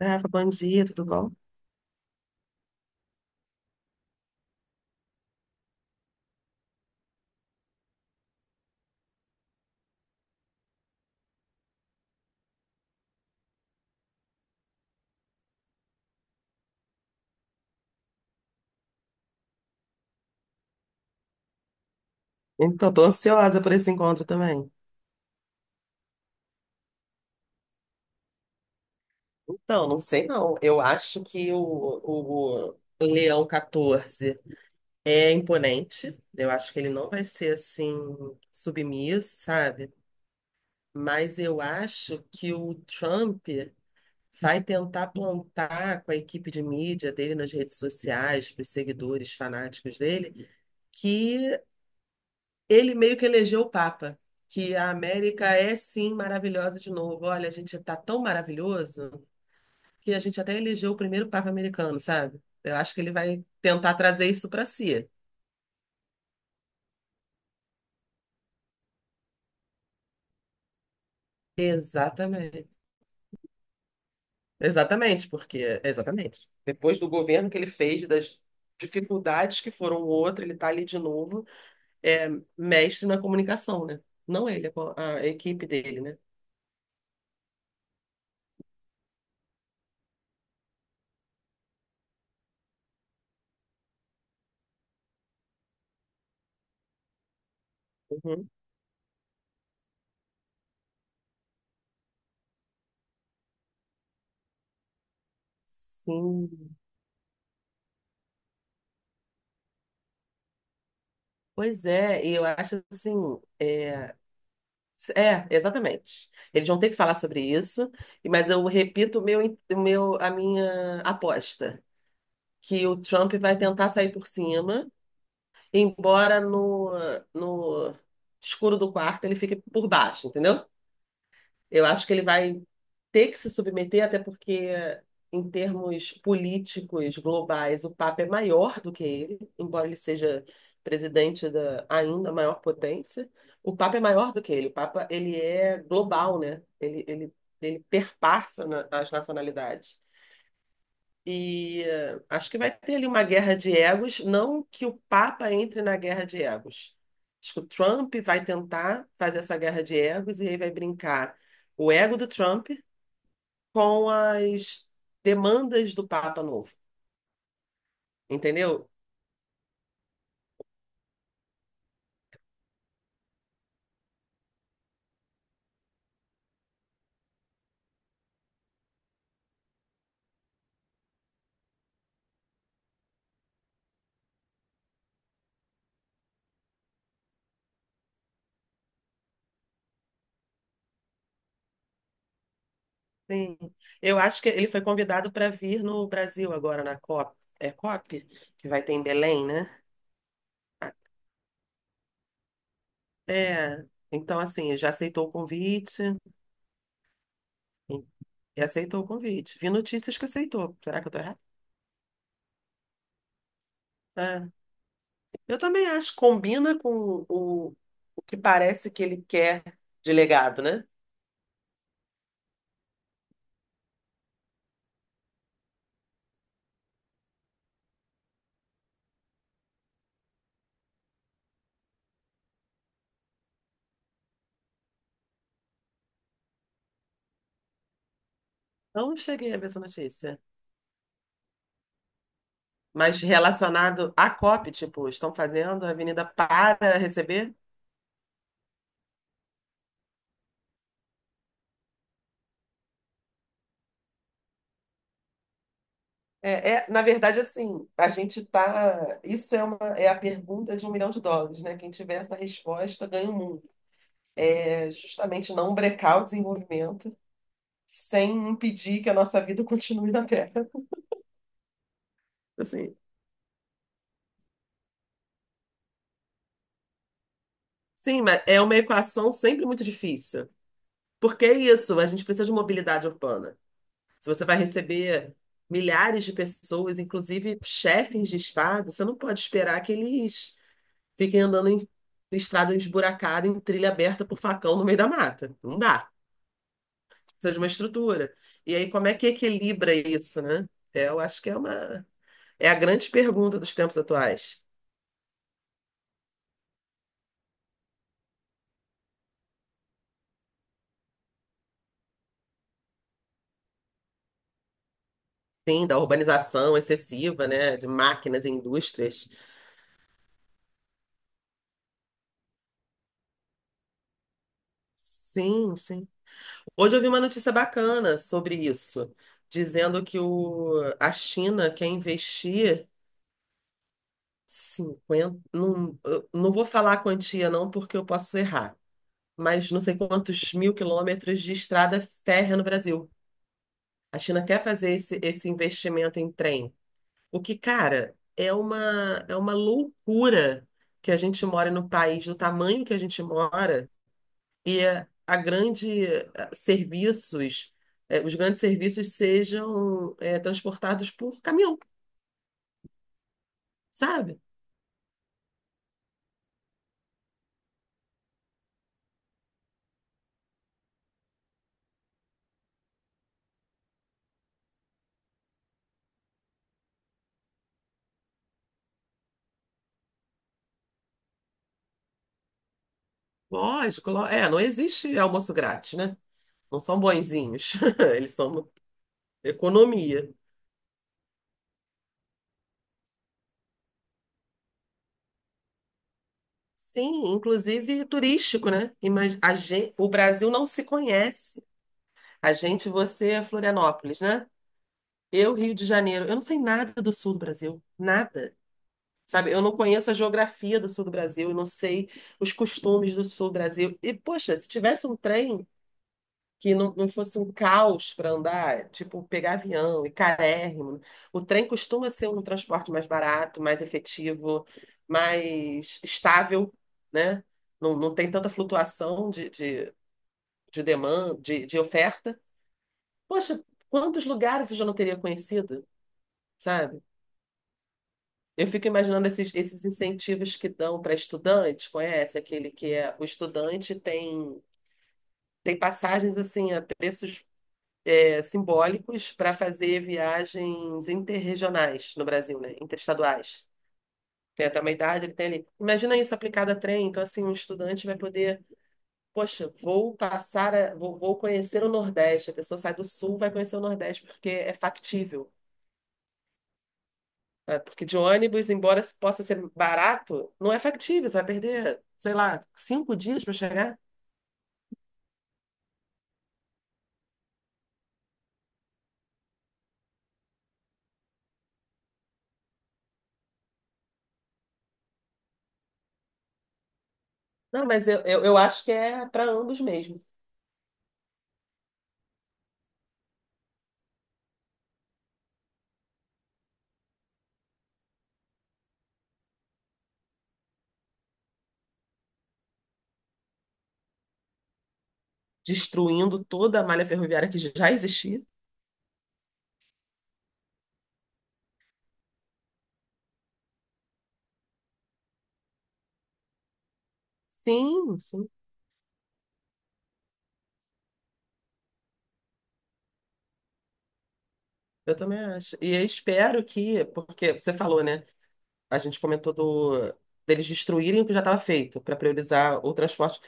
Rafa, bom dia, tudo bom? Então, tô ansiosa por esse encontro também. Então, não sei não. Eu acho que o Leão 14 é imponente. Eu acho que ele não vai ser assim submisso, sabe? Mas eu acho que o Trump vai tentar plantar com a equipe de mídia dele nas redes sociais, para os seguidores fanáticos dele. Ele meio que elegeu o Papa, que a América é sim maravilhosa de novo. Olha, a gente está tão maravilhoso que a gente até elegeu o primeiro Papa americano, sabe? Eu acho que ele vai tentar trazer isso para si. Exatamente. Exatamente, porque exatamente. Depois do governo que ele fez, das dificuldades que foram o outro, ele está ali de novo, é mestre na comunicação, né? Não ele, a equipe dele, né? Uhum. Sim. Pois é, e eu acho assim, é, é, exatamente. Eles vão ter que falar sobre isso, mas eu repito o meu, a minha aposta, que o Trump vai tentar sair por cima, embora no escuro do quarto ele fique por baixo, entendeu? Eu acho que ele vai ter que se submeter, até porque, em termos políticos globais, o Papa é maior do que ele, embora ele seja presidente da ainda maior potência. O Papa é maior do que ele. O Papa, ele é global, né? Ele as nacionalidades. E acho que vai ter ali uma guerra de egos, não que o Papa entre na guerra de egos. Acho que o Trump vai tentar fazer essa guerra de egos e aí vai brincar o ego do Trump com as demandas do Papa novo, entendeu? Sim. Eu acho que ele foi convidado para vir no Brasil agora na COP, é COP, que vai ter em Belém, né? É. Então, assim, já aceitou o convite e aceitou o convite. Vi notícias que aceitou. Será que eu tô errada? É, eu também acho, combina com o que parece que ele quer de legado, né? Não cheguei a ver essa notícia. Mas relacionado à COP, tipo, estão fazendo a avenida para receber? É, na verdade, assim, a gente tá. É a pergunta de um milhão de dólares, né? Quem tiver essa resposta ganha o mundo. É justamente não brecar o desenvolvimento sem impedir que a nossa vida continue na Terra. Assim, sim, mas é uma equação sempre muito difícil. Porque é isso, a gente precisa de mobilidade urbana. Se você vai receber milhares de pessoas, inclusive chefes de estado, você não pode esperar que eles fiquem andando em estrada esburacada, em trilha aberta por facão no meio da mata. Não dá. Precisa de uma estrutura. E aí, como é que equilibra isso, né? Eu acho que é uma é a grande pergunta dos tempos atuais. Sim, da urbanização excessiva, né? De máquinas e indústrias. Sim. Hoje eu vi uma notícia bacana sobre isso, dizendo que a China quer investir 50, não, eu não vou falar a quantia não, porque eu posso errar, mas não sei quantos mil quilômetros de estrada férrea no Brasil. A China quer fazer esse investimento em trem. O que, cara, é uma loucura que a gente mora no país do tamanho que a gente mora e a grande eh, serviços, eh, os grandes serviços sejam transportados por caminhão, sabe? Lógico, é, não existe almoço grátis, né? Não são bonzinhos, eles são economia. Sim, inclusive turístico, né? O Brasil não se conhece. Você, é Florianópolis, né? Eu, Rio de Janeiro. Eu não sei nada do sul do Brasil, nada. Sabe, eu não conheço a geografia do sul do Brasil, eu não sei os costumes do sul do Brasil. E, poxa, se tivesse um trem que não fosse um caos para andar, tipo pegar avião e carérrimo, o trem costuma ser um transporte mais barato, mais efetivo, mais estável, né? Não tem tanta flutuação de demanda, de oferta. Poxa, quantos lugares eu já não teria conhecido, sabe? Eu fico imaginando esses incentivos que dão para estudante, conhece? Aquele que é o estudante tem passagens assim a preços simbólicos para fazer viagens interregionais no Brasil, né? Interestaduais. Tem até uma idade, ele tem ali. Imagina isso aplicado a trem, então assim, um estudante vai poder, poxa, vou conhecer o Nordeste. A pessoa sai do Sul, vai conhecer o Nordeste, porque é factível. É, porque de ônibus, embora possa ser barato, não é factível, você vai perder, sei lá, 5 dias para chegar. Não, mas eu acho que é para ambos mesmo, destruindo toda a malha ferroviária que já existia. Sim, eu também acho. E eu espero que, porque você falou, né? A gente comentou deles destruírem o que já estava feito para priorizar o transporte.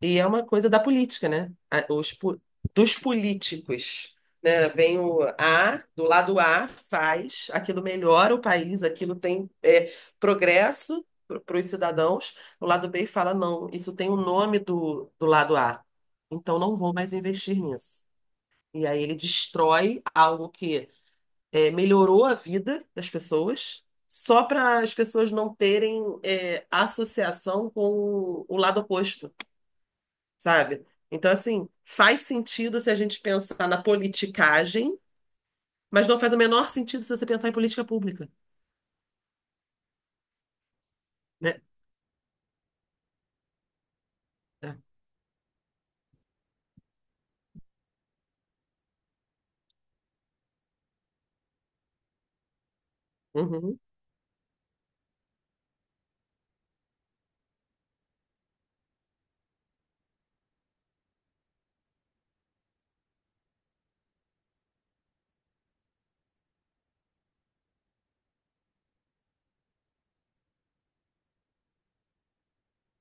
E é uma coisa da política, né? Dos políticos, né? Vem o A, do lado A, faz, aquilo melhora o país, aquilo tem progresso para os cidadãos. O lado B fala, não, isso tem o nome do lado A, então não vou mais investir nisso. E aí ele destrói algo que melhorou a vida das pessoas, só para as pessoas não terem associação com o lado oposto, sabe? Então, assim, faz sentido se a gente pensar na politicagem, mas não faz o menor sentido se você pensar em política pública, né? É. Uhum.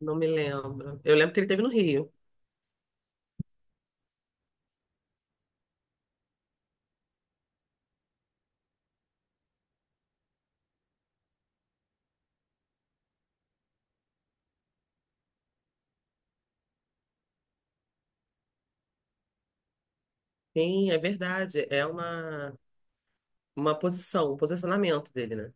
Não me lembro. Eu lembro que ele teve no Rio. Sim, é verdade. Uma posição, um posicionamento dele, né?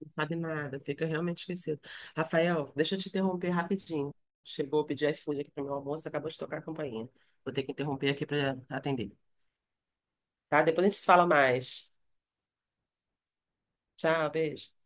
Não sabe nada, fica realmente esquecido. Rafael, deixa eu te interromper rapidinho. Chegou a pedir iFood aqui para meu almoço, acabou de tocar a campainha. Vou ter que interromper aqui para atender. Tá? Depois a gente se fala mais. Tchau, beijo.